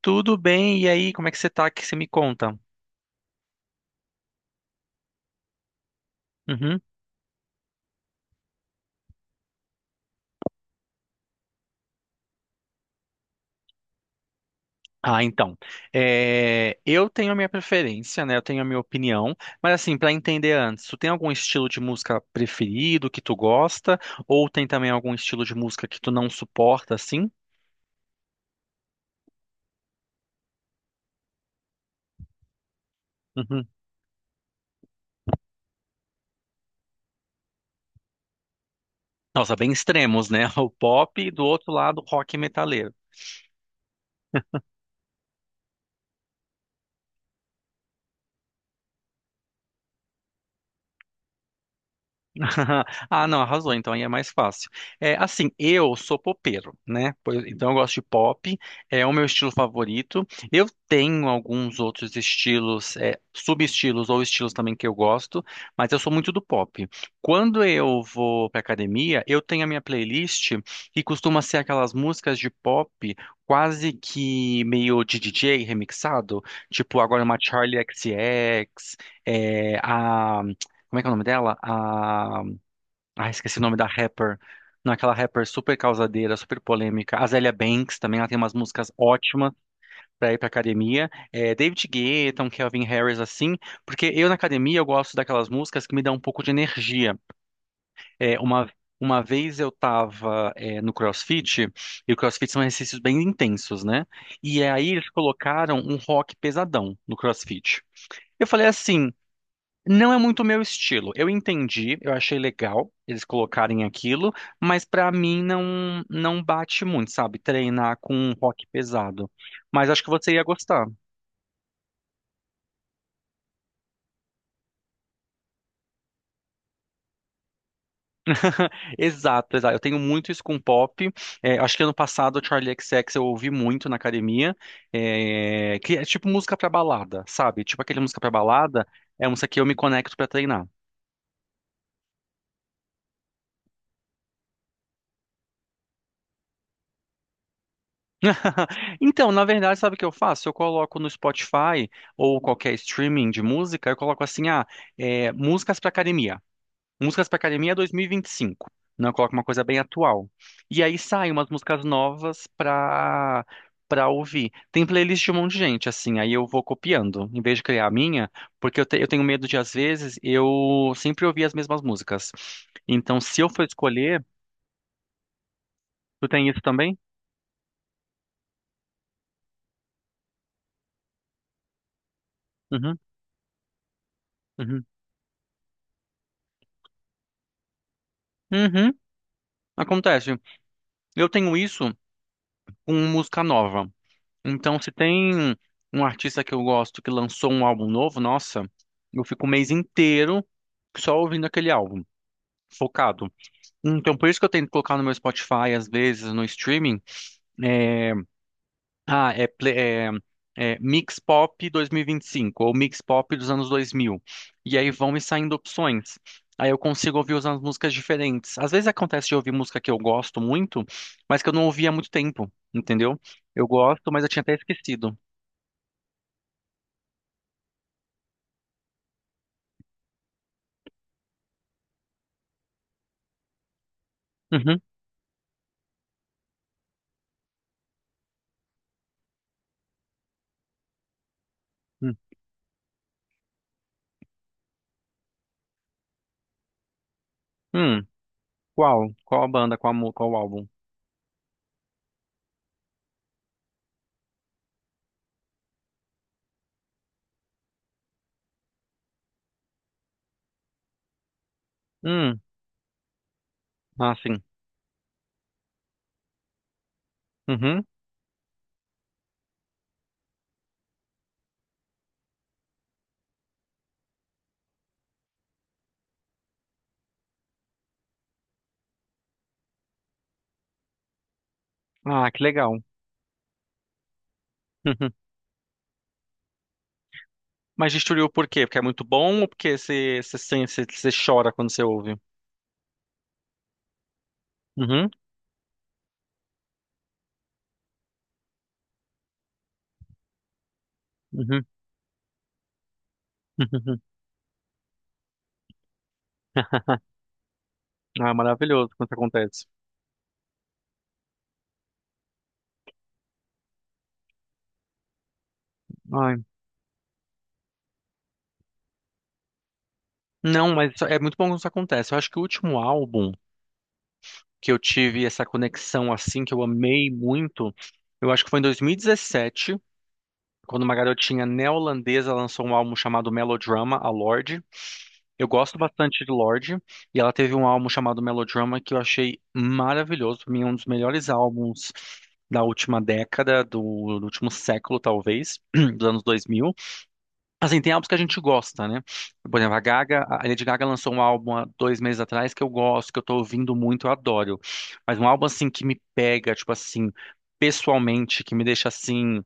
Tudo bem, e aí, como é que você tá? Que você me conta? Uhum. Ah, então. É, eu tenho a minha preferência, né? Eu tenho a minha opinião, mas assim, pra entender antes, tu tem algum estilo de música preferido que tu gosta, ou tem também algum estilo de música que tu não suporta, assim? Uhum. Nossa, bem extremos, né? O pop e do outro lado, o rock e. Ah, não, arrasou, então aí é mais fácil. É, assim, eu sou popeiro, né? Então eu gosto de pop, é o meu estilo favorito. Eu tenho alguns outros estilos, é, subestilos ou estilos também que eu gosto, mas eu sou muito do pop. Quando eu vou pra academia, eu tenho a minha playlist que costuma ser aquelas músicas de pop quase que meio de DJ remixado, tipo agora uma Charli X, C X, é, a como é que é o nome dela? Ah, esqueci o nome da rapper. Naquela rapper super causadeira, super polêmica. Azealia Banks também, ela tem umas músicas ótimas pra ir pra academia. É, David Guetta, um Calvin Harris, assim. Porque eu na academia eu gosto daquelas músicas que me dão um pouco de energia. É, uma vez eu tava, é, no CrossFit, e o CrossFit são exercícios bem intensos, né? E aí eles colocaram um rock pesadão no CrossFit. Eu falei assim. Não é muito o meu estilo. Eu entendi, eu achei legal eles colocarem aquilo, mas pra mim não bate muito, sabe? Treinar com um rock pesado. Mas acho que você ia gostar. Exato, exato. Eu tenho muito isso com pop. É, acho que ano passado o Charlie XX eu ouvi muito na academia, é, que é tipo música pra balada, sabe? Tipo aquele música pra balada é um música que eu me conecto pra treinar. Então, na verdade, sabe o que eu faço? Eu coloco no Spotify ou qualquer streaming de música, eu coloco assim, ah, é, músicas para academia. Músicas para academia 2025. Não, eu coloco uma coisa bem atual. E aí saem umas músicas novas para ouvir. Tem playlist de um monte de gente, assim, aí eu vou copiando, em vez de criar a minha, porque eu, eu tenho medo de, às vezes, eu sempre ouvir as mesmas músicas. Então, se eu for escolher, tu tem isso também? Uhum, uhum, uhum, acontece. Eu tenho com música nova. Então, se tem um artista que eu gosto que lançou um álbum novo, nossa, eu fico o mês inteiro só ouvindo aquele álbum, focado. Então, por isso que eu tento colocar no meu Spotify, às vezes, no streaming, é, ah, é, é Mix Pop 2025 ou Mix Pop dos anos 2000. E aí vão me saindo opções. Aí eu consigo ouvir umas músicas diferentes. Às vezes acontece de ouvir música que eu gosto muito, mas que eu não ouvi há muito tempo, entendeu? Eu gosto, mas eu tinha até esquecido. Uhum. Hum. Hum. Qual? Qual a banda? Qual, a qual o álbum? Hum. Ah, sim. Uhum. Ah, que legal. Uhum. Mas destruiu por quê? Porque é muito bom ou porque você chora quando você ouve? Uhum. Uhum. Ah, é maravilhoso quando isso acontece. Ai. Não, mas é muito bom quando isso acontece. Eu acho que o último álbum que eu tive essa conexão assim, que eu amei muito, eu acho que foi em 2017, quando uma garotinha neozelandesa lançou um álbum chamado Melodrama, a Lorde. Eu gosto bastante de Lorde, e ela teve um álbum chamado Melodrama que eu achei maravilhoso. Pra mim, é um dos melhores álbuns da última década, do último século, talvez, dos anos 2000. Assim, tem álbuns que a gente gosta, né? Por exemplo, a Gaga, a Lady Gaga lançou um álbum há 2 meses atrás que eu gosto, que eu tô ouvindo muito, eu adoro. Mas um álbum, assim, que me pega, tipo assim, pessoalmente, que me deixa assim,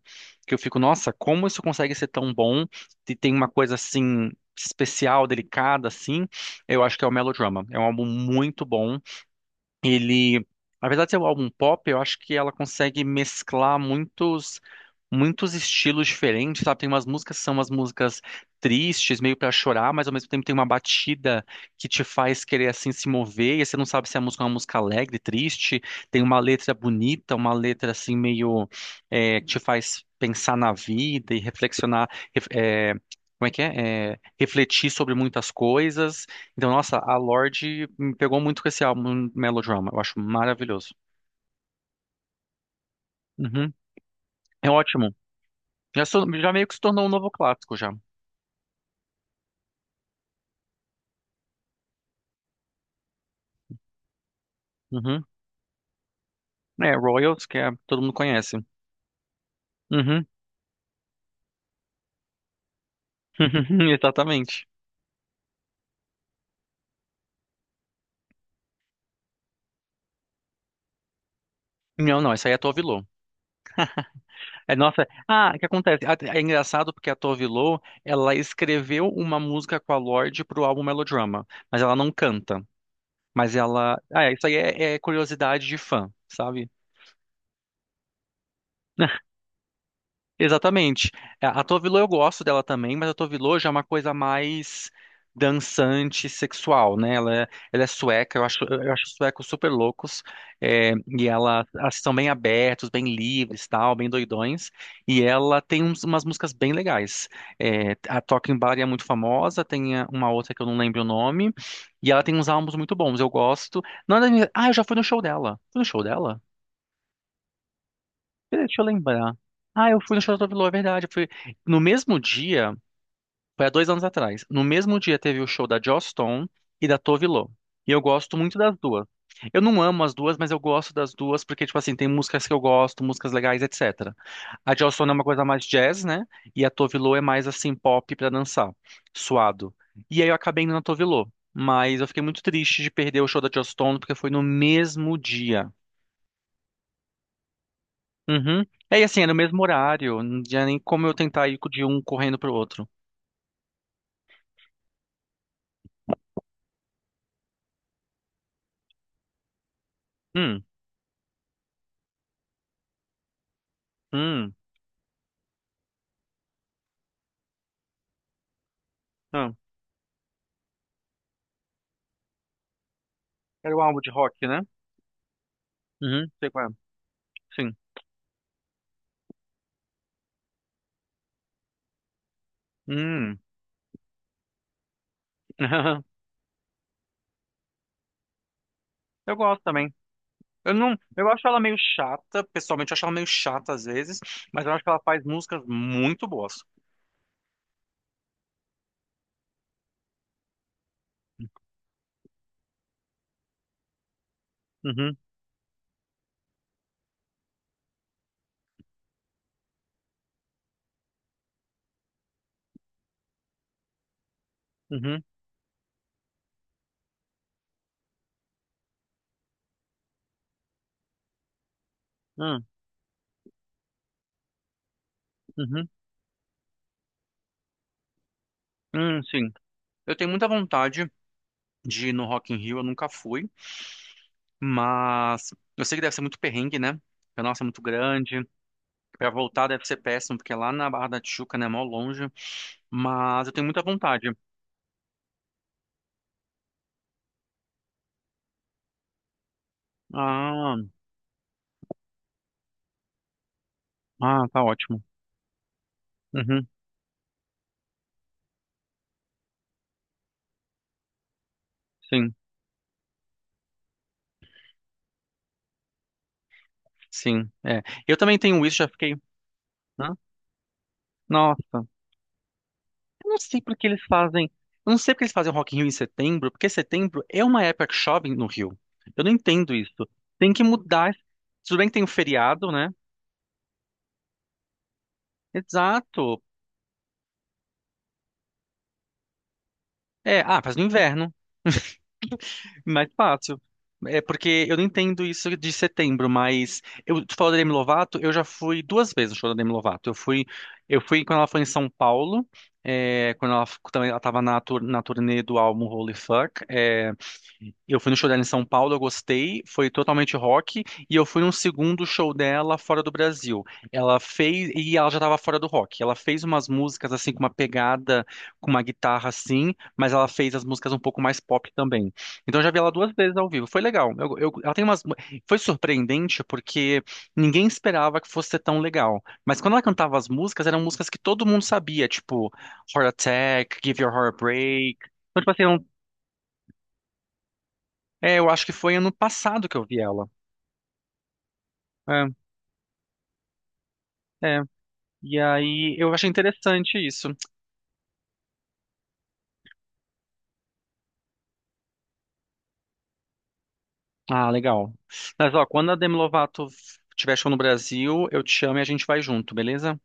que eu fico, nossa, como isso consegue ser tão bom? E tem uma coisa, assim, especial, delicada, assim, eu acho que é o Melodrama. É um álbum muito bom, ele, apesar de ser um álbum pop, eu acho que ela consegue mesclar muitos estilos diferentes, sabe? Tem umas músicas que são umas músicas tristes, meio pra chorar, mas ao mesmo tempo tem uma batida que te faz querer assim se mover, e você não sabe se a música é uma música alegre, triste, tem uma letra bonita, uma letra assim meio é, que te faz pensar na vida e reflexionar, é, como é que é? É, refletir sobre muitas coisas. Então, nossa, a Lorde me pegou muito com esse álbum Melodrama. Eu acho maravilhoso. Uhum. É ótimo. Já meio que se tornou um novo clássico já. Uhum. É, Royals, que é, todo mundo conhece. Uhum. Exatamente. Não, não, essa aí é a Tove Lo. É, nossa, ah, o que acontece? Ah, é engraçado porque a Tove Lo, ela escreveu uma música com a Lorde pro álbum Melodrama, mas ela não canta. Mas ela, ah, é, isso aí é curiosidade de fã, sabe? Exatamente. A Tovilo eu gosto dela também, mas a Tovilo já é uma coisa mais dançante, sexual, né? Ela é sueca, eu acho os suecos super loucos, é, e ela, elas são bem abertos, bem livres, tal, bem doidões, e ela tem umas músicas bem legais. É, a Talking Bar é muito famosa, tem uma outra que eu não lembro o nome, e ela tem uns álbuns muito bons, eu gosto. Não, é da ah, eu já fui no show dela. Fui no show dela? Peraí, deixa eu lembrar. Ah, eu fui no show da Tove Lo, é verdade. Eu fui. No mesmo dia, foi há 2 anos atrás, no mesmo dia teve o show da Joss Stone e da Tove Lo. E eu gosto muito das duas. Eu não amo as duas, mas eu gosto das duas porque, tipo assim, tem músicas que eu gosto, músicas legais, etc. A Joss Stone é uma coisa mais jazz, né? E a Tove Lo é mais, assim, pop pra dançar, suado. E aí eu acabei indo na Tove Lo. Mas eu fiquei muito triste de perder o show da Joss Stone porque foi no mesmo dia. Uhum. É, e assim, é no mesmo horário, não tinha nem como eu tentar ir de um correndo pro outro. Hum, hum, ah. Era o álbum de rock, né? Uhum, sei qual é. Sim. Hum. Eu gosto também. Eu não, eu acho ela meio chata, pessoalmente eu acho ela meio chata às vezes, mas eu acho que ela faz músicas muito boas. Uhum, uhum, hum, uhum, sim. Eu tenho muita vontade de ir no Rock in Rio, eu nunca fui, mas eu sei que deve ser muito perrengue, né? Porque, nossa, é muito grande. Pra voltar deve ser péssimo, porque é lá na Barra da Tijuca, né? Mó longe. Mas eu tenho muita vontade. Ah, ah, tá ótimo. Uhum, sim, sim. É. Eu também tenho isso, já fiquei. Hã? Nossa, eu não sei porque eles fazem. Eu não sei porque eles fazem Rock in Rio em setembro, porque setembro é uma época que chove no Rio. Eu não entendo isso. Tem que mudar. Tudo bem que tem um feriado, né? Exato. É, ah, faz no inverno. Mais fácil. É porque eu não entendo isso de setembro, mas eu tu falou da Demi Lovato, eu já fui duas vezes no show da Demi Lovato. Eu fui quando ela foi em São Paulo, é, quando também ela estava na turnê do álbum Holy Fuck. É, eu fui no show dela em São Paulo, eu gostei, foi totalmente rock, e eu fui num segundo show dela fora do Brasil. Ela fez, e ela já estava fora do rock. Ela fez umas músicas assim com uma pegada, com uma guitarra assim, mas ela fez as músicas um pouco mais pop também. Então eu já vi ela duas vezes ao vivo. Foi legal. Ela tem umas, foi surpreendente porque ninguém esperava que fosse ser tão legal. Mas quando ela cantava as músicas, eram músicas que todo mundo sabia, tipo Heart Attack, Give Your Heart a Break. Então, tipo assim, é, eu acho que foi ano passado que eu vi ela. É, é. E aí eu achei interessante isso. Ah, legal. Mas ó, quando a Demi Lovato tiver show no Brasil, eu te chamo e a gente vai junto, beleza?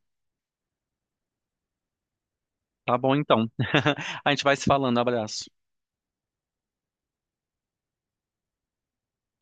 Tá bom então. A gente vai se falando. Abraço.